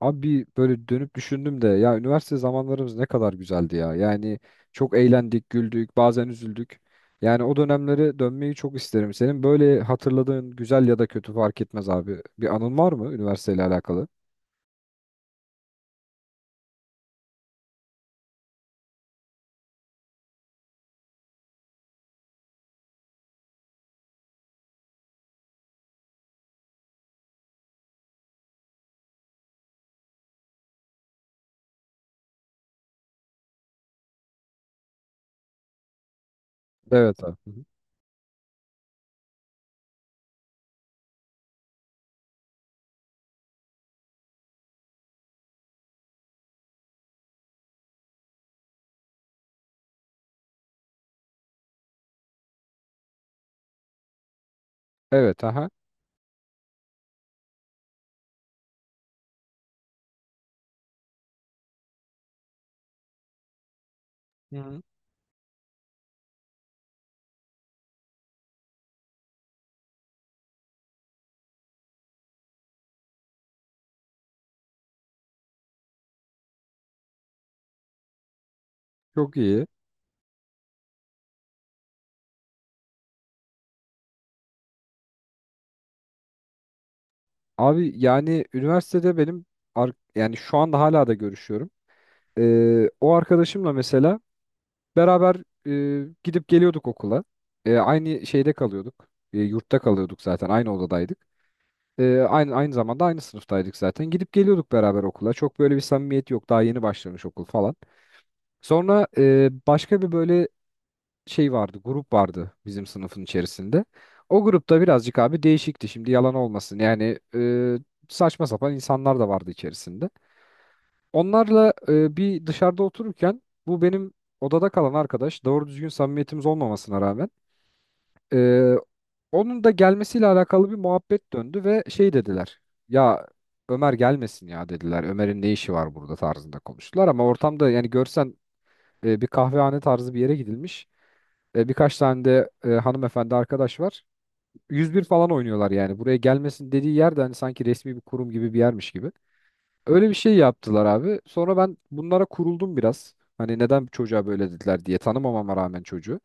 Abi böyle dönüp düşündüm de ya üniversite zamanlarımız ne kadar güzeldi ya. Yani çok eğlendik, güldük, bazen üzüldük. Yani o dönemlere dönmeyi çok isterim. Senin böyle hatırladığın güzel ya da kötü fark etmez abi. Bir anın var mı üniversiteyle alakalı? Evet abi. Hı hı. Evet, aha. Hı hı. Çok iyi. Abi yani üniversitede benim yani şu anda hala da görüşüyorum. O arkadaşımla mesela beraber gidip geliyorduk okula. Aynı şeyde kalıyorduk. Yurtta kalıyorduk zaten. Aynı odadaydık. Aynı zamanda aynı sınıftaydık zaten. Gidip geliyorduk beraber okula. Çok böyle bir samimiyet yok. Daha yeni başlamış okul falan. Sonra başka bir böyle şey vardı. Grup vardı bizim sınıfın içerisinde. O grupta birazcık abi değişikti. Şimdi yalan olmasın. Yani saçma sapan insanlar da vardı içerisinde. Onlarla bir dışarıda otururken bu benim odada kalan arkadaş doğru düzgün samimiyetimiz olmamasına rağmen e, onun da gelmesiyle alakalı bir muhabbet döndü ve şey dediler. Ya Ömer gelmesin ya dediler. Ömer'in ne işi var burada tarzında konuştular ama ortamda yani görsen bir kahvehane tarzı bir yere gidilmiş. Birkaç tane de hanımefendi arkadaş var. 101 falan oynuyorlar yani. Buraya gelmesin dediği yerde hani sanki resmi bir kurum gibi bir yermiş gibi. Öyle bir şey yaptılar abi. Sonra ben bunlara kuruldum biraz. Hani neden çocuğa böyle dediler diye tanımamama rağmen çocuğu.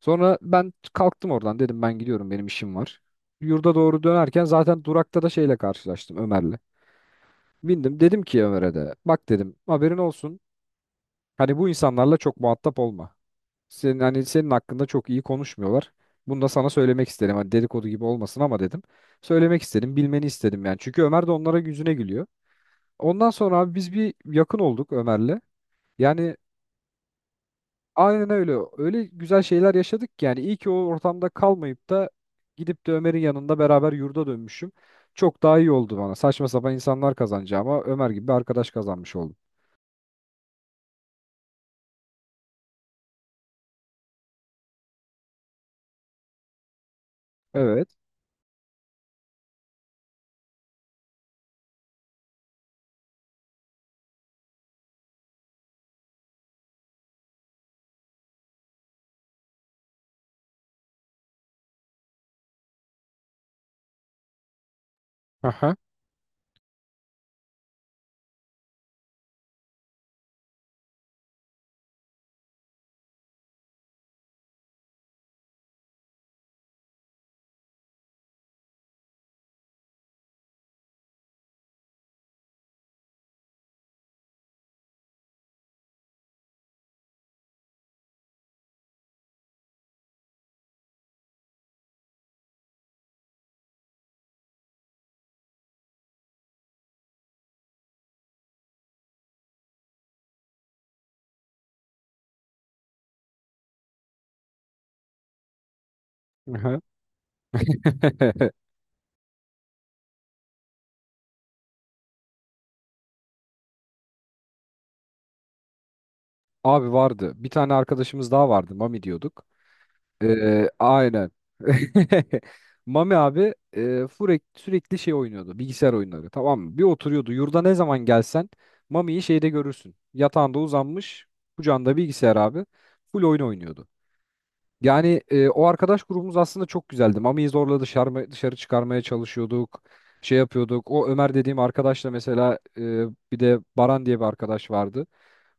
Sonra ben kalktım oradan, dedim ben gidiyorum, benim işim var. Yurda doğru dönerken zaten durakta da şeyle karşılaştım, Ömer'le. Bindim, dedim ki Ömer'e de, bak dedim, haberin olsun. Hani bu insanlarla çok muhatap olma. Hani senin hakkında çok iyi konuşmuyorlar. Bunu da sana söylemek istedim. Hani dedikodu gibi olmasın ama, dedim. Söylemek istedim, bilmeni istedim yani. Çünkü Ömer de onlara yüzüne gülüyor. Ondan sonra abi biz bir yakın olduk Ömer'le. Yani, aynen öyle. Öyle güzel şeyler yaşadık ki yani, iyi ki o ortamda kalmayıp da gidip de Ömer'in yanında beraber yurda dönmüşüm. Çok daha iyi oldu bana. Saçma sapan insanlar kazanacağıma Ömer gibi bir arkadaş kazanmış oldum. Evet. Aha. Aha. Abi vardı. Bir tane arkadaşımız daha vardı. Mami diyorduk. Aynen. Mami abi sürekli şey oynuyordu. Bilgisayar oyunları. Tamam mı? Bir oturuyordu. Yurda ne zaman gelsen Mami'yi şeyde görürsün. Yatağında uzanmış. Kucağında bilgisayar abi. Full oyun oynuyordu. Yani o arkadaş grubumuz aslında çok güzeldi. Mami'yi zorla dışarı çıkarmaya çalışıyorduk. Şey yapıyorduk. O Ömer dediğim arkadaşla mesela bir de Baran diye bir arkadaş vardı.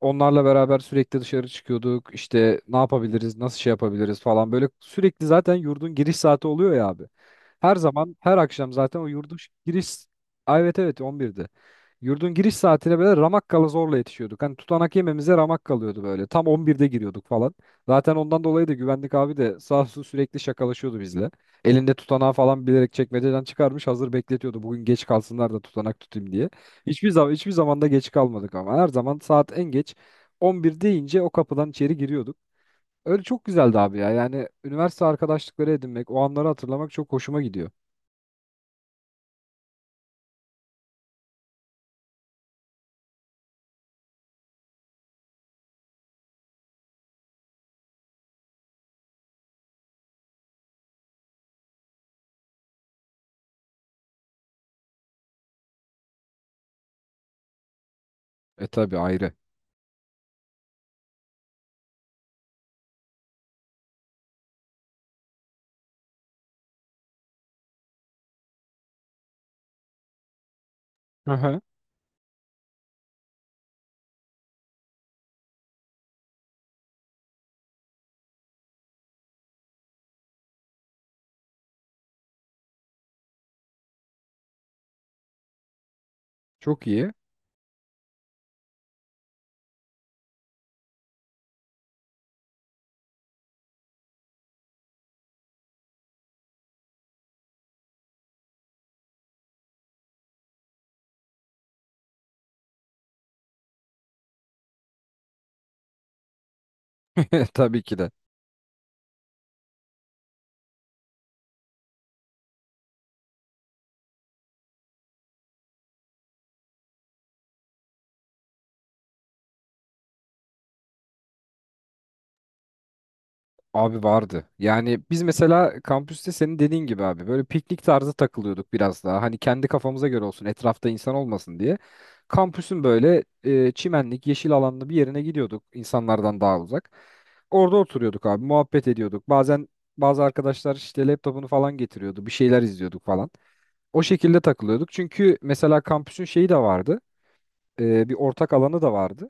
Onlarla beraber sürekli dışarı çıkıyorduk. İşte ne yapabiliriz, nasıl şey yapabiliriz falan. Böyle sürekli zaten yurdun giriş saati oluyor ya abi. Her zaman, her akşam zaten o yurdun giriş... Ay, evet, evet, 11'de. Yurdun giriş saatine böyle ramak, zorla yetişiyorduk. Hani tutanak yememize ramak kalıyordu böyle. Tam 11'de giriyorduk falan. Zaten ondan dolayı da güvenlik abi de sağ olsun sürekli şakalaşıyordu bizle. Elinde tutanağı falan bilerek çekmeceden çıkarmış, hazır bekletiyordu. Bugün geç kalsınlar da tutanak tutayım diye. Hiçbir zamanda geç kalmadık ama her zaman saat en geç 11 deyince o kapıdan içeri giriyorduk. Öyle çok güzeldi abi ya. Yani üniversite arkadaşlıkları edinmek, o anları hatırlamak çok hoşuma gidiyor. E, tabi ayrı. Hı. Çok iyi. Tabii ki de. Abi vardı. Yani biz mesela kampüste senin dediğin gibi abi böyle piknik tarzı takılıyorduk biraz daha. Hani kendi kafamıza göre olsun, etrafta insan olmasın diye. Kampüsün böyle çimenlik, yeşil alanlı bir yerine gidiyorduk, insanlardan daha uzak. Orada oturuyorduk abi, muhabbet ediyorduk. Bazen bazı arkadaşlar işte laptopunu falan getiriyordu, bir şeyler izliyorduk falan. O şekilde takılıyorduk. Çünkü mesela kampüsün şeyi de vardı, bir ortak alanı da vardı.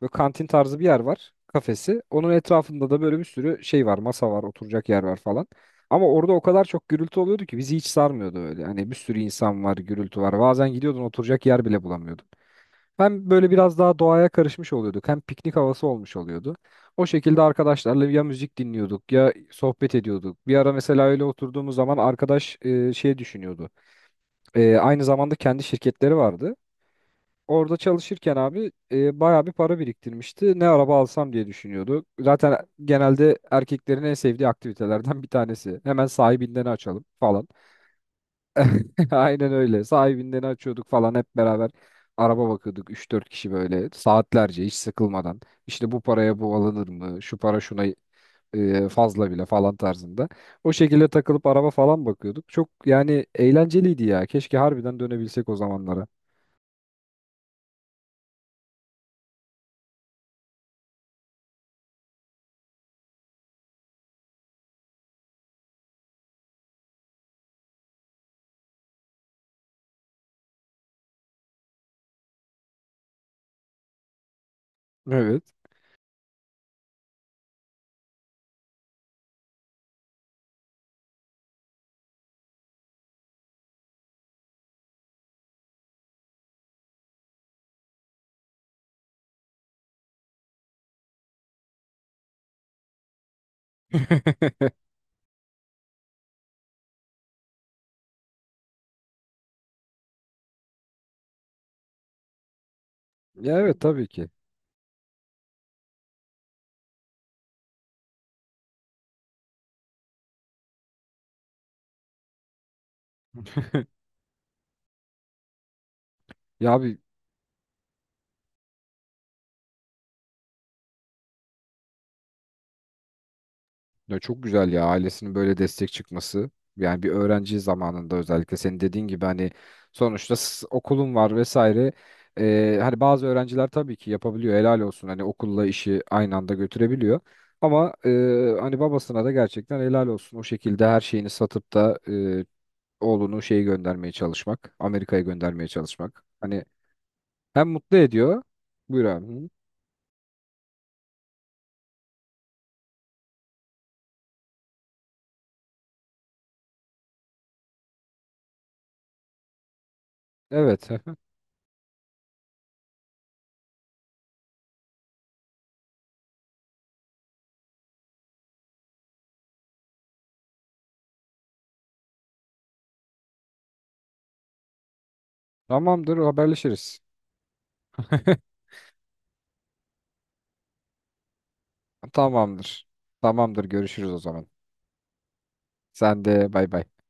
Böyle kantin tarzı bir yer var, kafesi. Onun etrafında da böyle bir sürü şey var, masa var, oturacak yer var falan. Ama orada o kadar çok gürültü oluyordu ki bizi hiç sarmıyordu öyle. Hani bir sürü insan var, gürültü var. Bazen gidiyordun, oturacak yer bile bulamıyorduk. Hem böyle biraz daha doğaya karışmış oluyorduk, hem piknik havası olmuş oluyordu. O şekilde arkadaşlarla ya müzik dinliyorduk ya sohbet ediyorduk. Bir ara mesela öyle oturduğumuz zaman arkadaş şey düşünüyordu. Aynı zamanda kendi şirketleri vardı. Orada çalışırken abi bayağı bir para biriktirmişti. Ne araba alsam diye düşünüyordu. Zaten genelde erkeklerin en sevdiği aktivitelerden bir tanesi. Hemen sahibinden açalım falan. Aynen öyle. Sahibinden açıyorduk falan hep beraber, araba bakıyorduk üç dört kişi böyle saatlerce hiç sıkılmadan. İşte bu paraya bu alınır mı? Şu para şuna fazla bile falan tarzında. O şekilde takılıp araba falan bakıyorduk. Çok yani eğlenceliydi ya. Keşke harbiden dönebilsek o zamanlara. Evet. Ya evet, tabii ki. Ya abi. Ya çok güzel ya, ailesinin böyle destek çıkması. Yani bir öğrenci zamanında, özellikle senin dediğin gibi hani sonuçta okulun var vesaire. Hani bazı öğrenciler tabii ki yapabiliyor, helal olsun, hani okulla işi aynı anda götürebiliyor. Ama hani babasına da gerçekten helal olsun, o şekilde her şeyini satıp da oğlunu şeyi göndermeye çalışmak. Amerika'ya göndermeye çalışmak. Hani hem mutlu ediyor. Buyur abi. Hı. Evet. Tamamdır, haberleşiriz. Tamamdır. Tamamdır. Görüşürüz o zaman. Sen de, bay bay.